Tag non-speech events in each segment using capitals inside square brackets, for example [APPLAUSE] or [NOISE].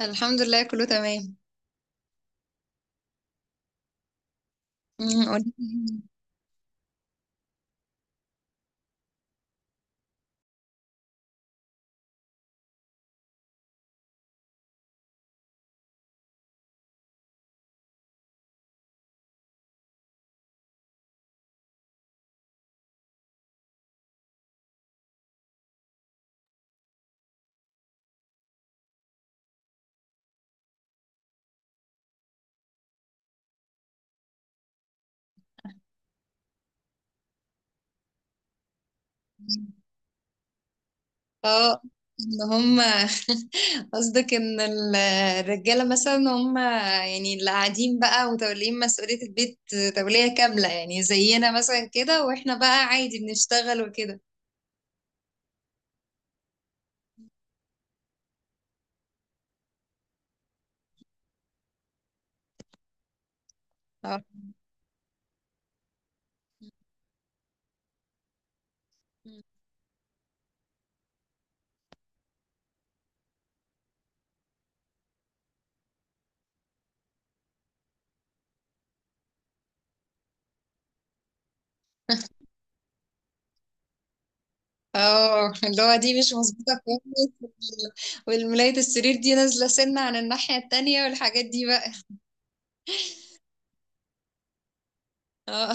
الحمد لله، كله تمام. قولي لي. اه، ان هم [LAUGHS] قصدك الرجاله مثلا، هم يعني اللي قاعدين بقى وتولين مسؤوليه البيت، توليه كامله، يعني زينا مثلا كده، واحنا بقى عادي بنشتغل وكده. اه. [LAUGHS] اه، اللي هو دي مش مظبوطه كويس. والملايه السرير دي نازله سنه عن الناحيه التانية، والحاجات دي بقى. اه.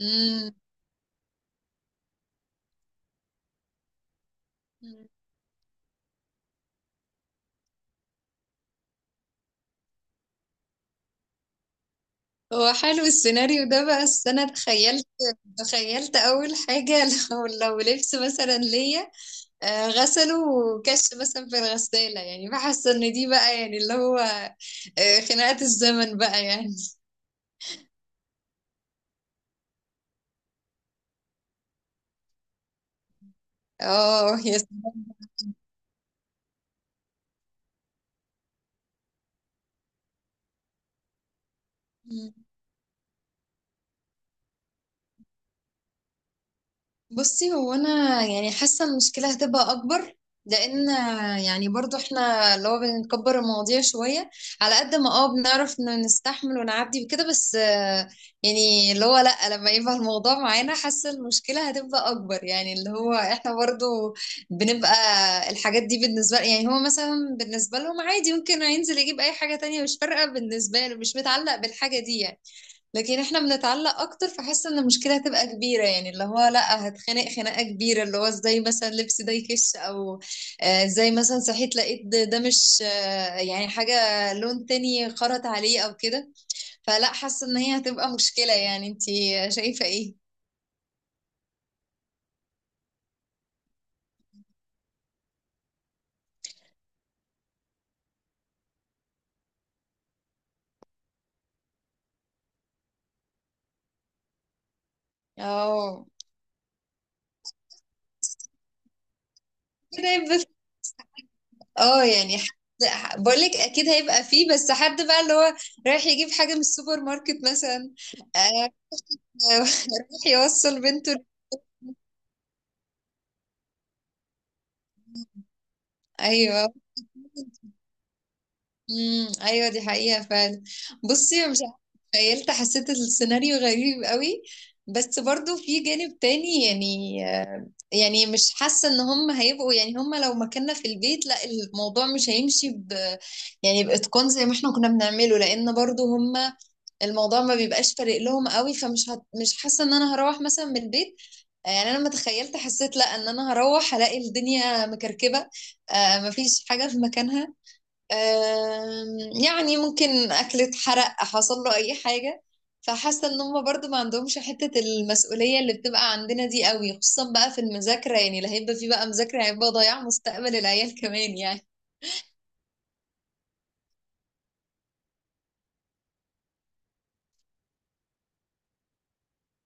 [LAUGHS] أمم. هو حلو السيناريو ده بقى، بس انا تخيلت اول حاجه. [LAUGHS] لو لبس مثلا ليا غسله وكش مثلا في الغساله، يعني بحس ان دي بقى يعني اللي هو خناقه الزمن بقى يعني. اه، يا سلام. بصي، هو انا يعني حاسه المشكله هتبقى اكبر، لان يعني برضو احنا اللي هو بنكبر المواضيع شويه، على قد ما اه بنعرف إنه نستحمل ونعدي وكده، بس يعني اللي هو لا، لما يبقى الموضوع معانا، حاسه المشكله هتبقى اكبر، يعني اللي هو احنا برضو بنبقى. الحاجات دي بالنسبه، يعني هو مثلا بالنسبه لهم عادي، ممكن ينزل يجيب اي حاجه تانية، مش فارقه بالنسبه له، مش متعلق بالحاجه دي يعني. لكن احنا بنتعلق اكتر، فحس ان المشكله هتبقى كبيره، يعني اللي هو لا، هتخنق خناقه كبيره، اللي هو ازاي مثلا لبس ده يكش، او ازاي مثلا صحيت لقيت ده مش، يعني حاجه لون تاني خرط عليه او كده. فلا، حاسه ان هي هتبقى مشكله، يعني انتي شايفه ايه؟ اه. كده يبقى اه، يعني بقولك اكيد هيبقى فيه، بس حد بقى اللي هو رايح يجيب حاجه من السوبر ماركت مثلا. آه، [LAUGHS] رايح يوصل بنته. ايوه. امم، ايوه، دي حقيقة فعلا. بصي، مش عارفة، تخيلت حسيت السيناريو غريب قوي، بس برضو في جانب تاني، يعني يعني مش حاسة ان هم هيبقوا، يعني هم لو مكاننا في البيت، لا، الموضوع مش هيمشي يعني بإتقان زي ما احنا كنا بنعمله، لان برضو هم الموضوع ما بيبقاش فارق لهم قوي، فمش مش حاسة ان انا هروح مثلا من البيت. يعني انا لما تخيلت حسيت لا، ان انا هروح هلاقي الدنيا مكركبة، مفيش حاجة في مكانها، آم، يعني ممكن أكل اتحرق، حصل له أي حاجة. فحاسة إن هما برضو ما عندهمش حتة المسؤولية اللي بتبقى عندنا دي قوي، خصوصا بقى في المذاكرة، يعني اللي هيبقى فيه بقى مذاكرة، هيبقى ضياع مستقبل العيال كمان يعني.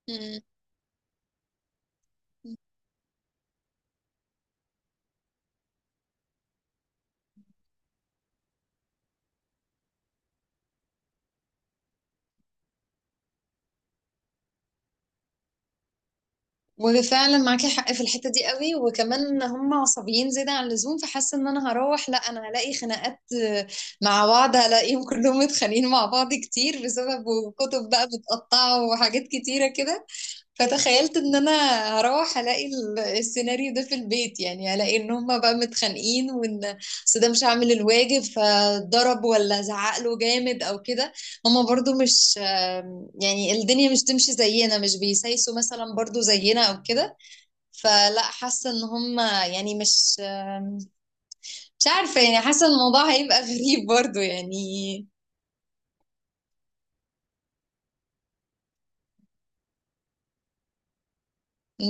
مم. وفعلا معاكي حق في الحتة دي قوي، وكمان هم عصبيين زيادة عن اللزوم، فحاسة ان انا هروح لا، انا هلاقي خناقات مع بعض، هلاقيهم كلهم متخانقين مع بعض كتير، بسبب كتب بقى متقطعة وحاجات كتيرة كده. فتخيلت ان انا هروح الاقي السيناريو ده في البيت، يعني الاقي ان هما بقى متخانقين، وان أصل ده مش عامل الواجب، فضرب ولا زعق له جامد او كده. هما برضو مش يعني الدنيا مش تمشي زينا، مش بيسايسوا مثلا برضو زينا او كده. فلا، حاسه ان هما يعني مش مش عارفه، يعني حاسه إن الموضوع هيبقى [LAUGHS] غريب برضو يعني.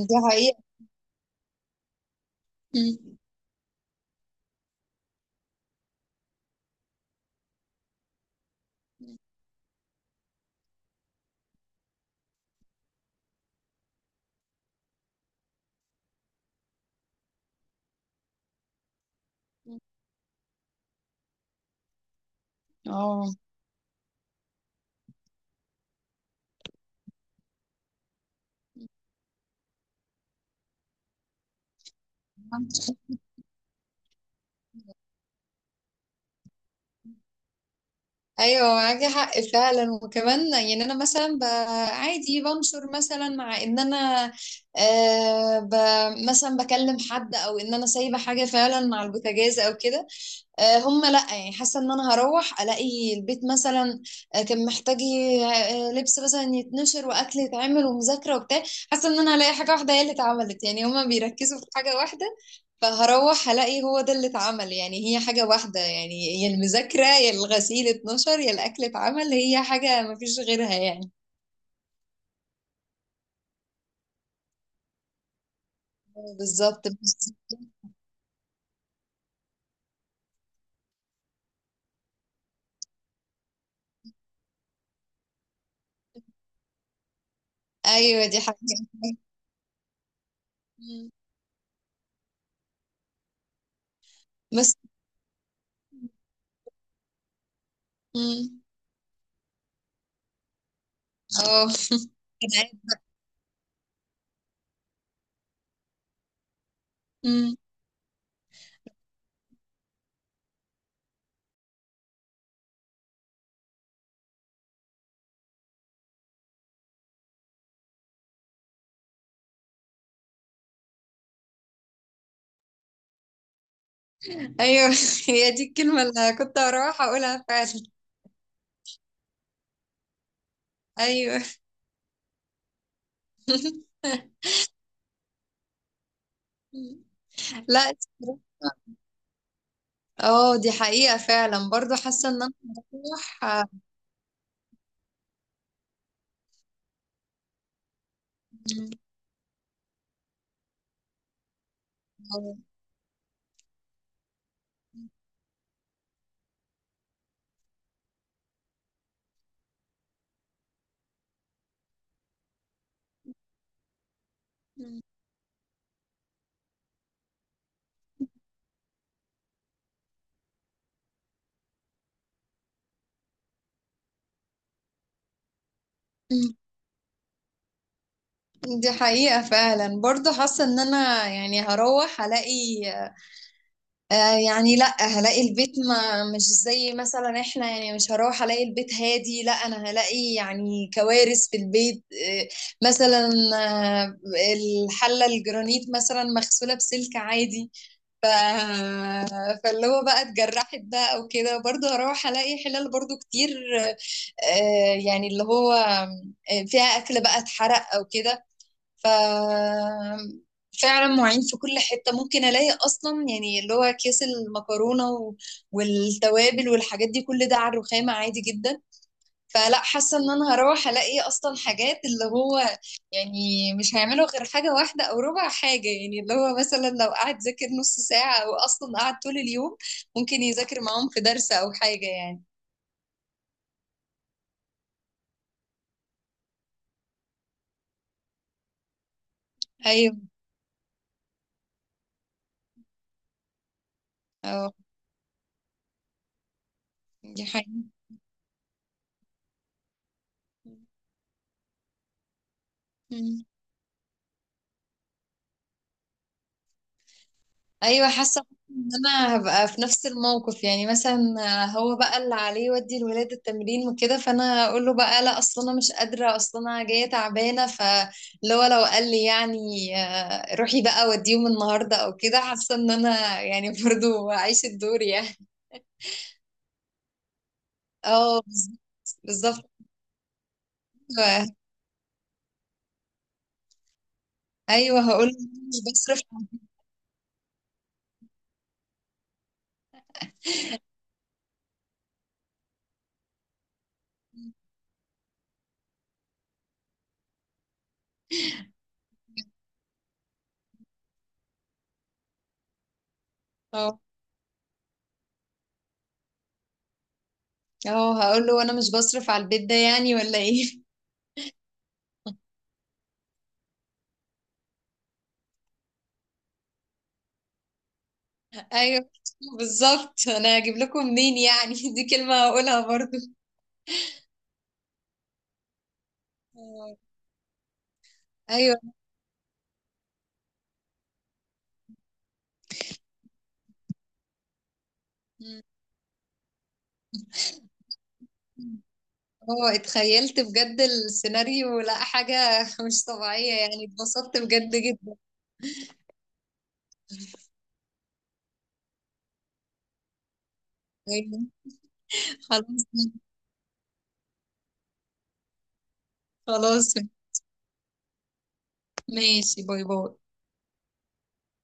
دي حقيقه. اه، ايوه معاكي حق فعلا، وكمان يعني انا مثلا عادي بنشر مثلا، مع ان انا آه ب مثلا بكلم حد، او ان انا سايبه حاجه فعلا مع البوتاجاز او كده. هم لا، يعني حاسه ان انا هروح الاقي البيت مثلا كان محتاج لبس مثلا يتنشر، واكل يتعمل، ومذاكره وبتاع. حاسه ان انا هلاقي حاجه واحده هي اللي اتعملت، يعني هما بيركزوا في حاجه واحده، فهروح هلاقي هو ده اللي اتعمل. يعني هي حاجه واحده، يعني يا المذاكره يا الغسيل اتنشر يا الاكل اتعمل، هي حاجه مفيش غيرها يعني. بالظبط. ايوه، دي حاجه. بس. مم. اه. عادي. مم. ايوه. [LAUGHS] هي دي الكلمه اللي كنت هروح اقولها فعلا. ايوه. [LAUGHS] لا، اه، دي حقيقه فعلا، برضو حاسه ان انا بروح دي حقيقه فعلا، برضو حاسه ان انا يعني هروح الاقي يعني لا، هلاقي البيت ما مش زي مثلا احنا، يعني مش هروح الاقي البيت هادي، لا، انا هلاقي يعني كوارث في البيت. مثلا الحلة الجرانيت مثلا مغسولة بسلك عادي، ف... فاللي هو بقى اتجرحت بقى او كده. برضه هروح الاقي حلال برضه كتير، يعني اللي هو فيها اكل بقى اتحرق او كده. ف فعلا مواعين في كل حتة، ممكن ألاقي أصلا يعني اللي هو أكياس المكرونة والتوابل والحاجات دي، كل ده على الرخامة عادي جدا. فلا، حاسة إن أنا هروح ألاقي أصلا حاجات اللي هو، يعني مش هيعملوا غير حاجة واحدة أو ربع حاجة. يعني اللي هو مثلا لو قعد ذاكر نص ساعة أو أصلا قعد طول اليوم، ممكن يذاكر معاهم في درس أو حاجة يعني. أيوه. أه، دي حقيقة. ايوه، حاسه ان انا هبقى في نفس الموقف، يعني مثلا هو بقى اللي عليه يودي الولاد التمرين وكده، فانا اقول له بقى لا، اصل انا مش قادره، اصل انا جايه تعبانه. فاللي هو لو قال لي يعني روحي بقى وديهم النهارده او كده، حاسه ان انا يعني [LAUGHS] برضو اعيش الدور يعني. اه، بالظبط. بالظبط. ايوه، هقول له مش بصرف. اه. اه، هقول له انا مش بصرف على البيت ده يعني، ولا ايه؟ ايوه، بالظبط. انا هجيب لكم منين يعني؟ [LAUGHS] دي كلمة هقولها برضو. آه، ايوه. مم. هو اتخيلت بجد السيناريو، لا، حاجة [LAUGHS] مش طبيعية يعني، اتبسطت بجد جدا. أيوة. خلاص. خلاص، ماشي. باي باي.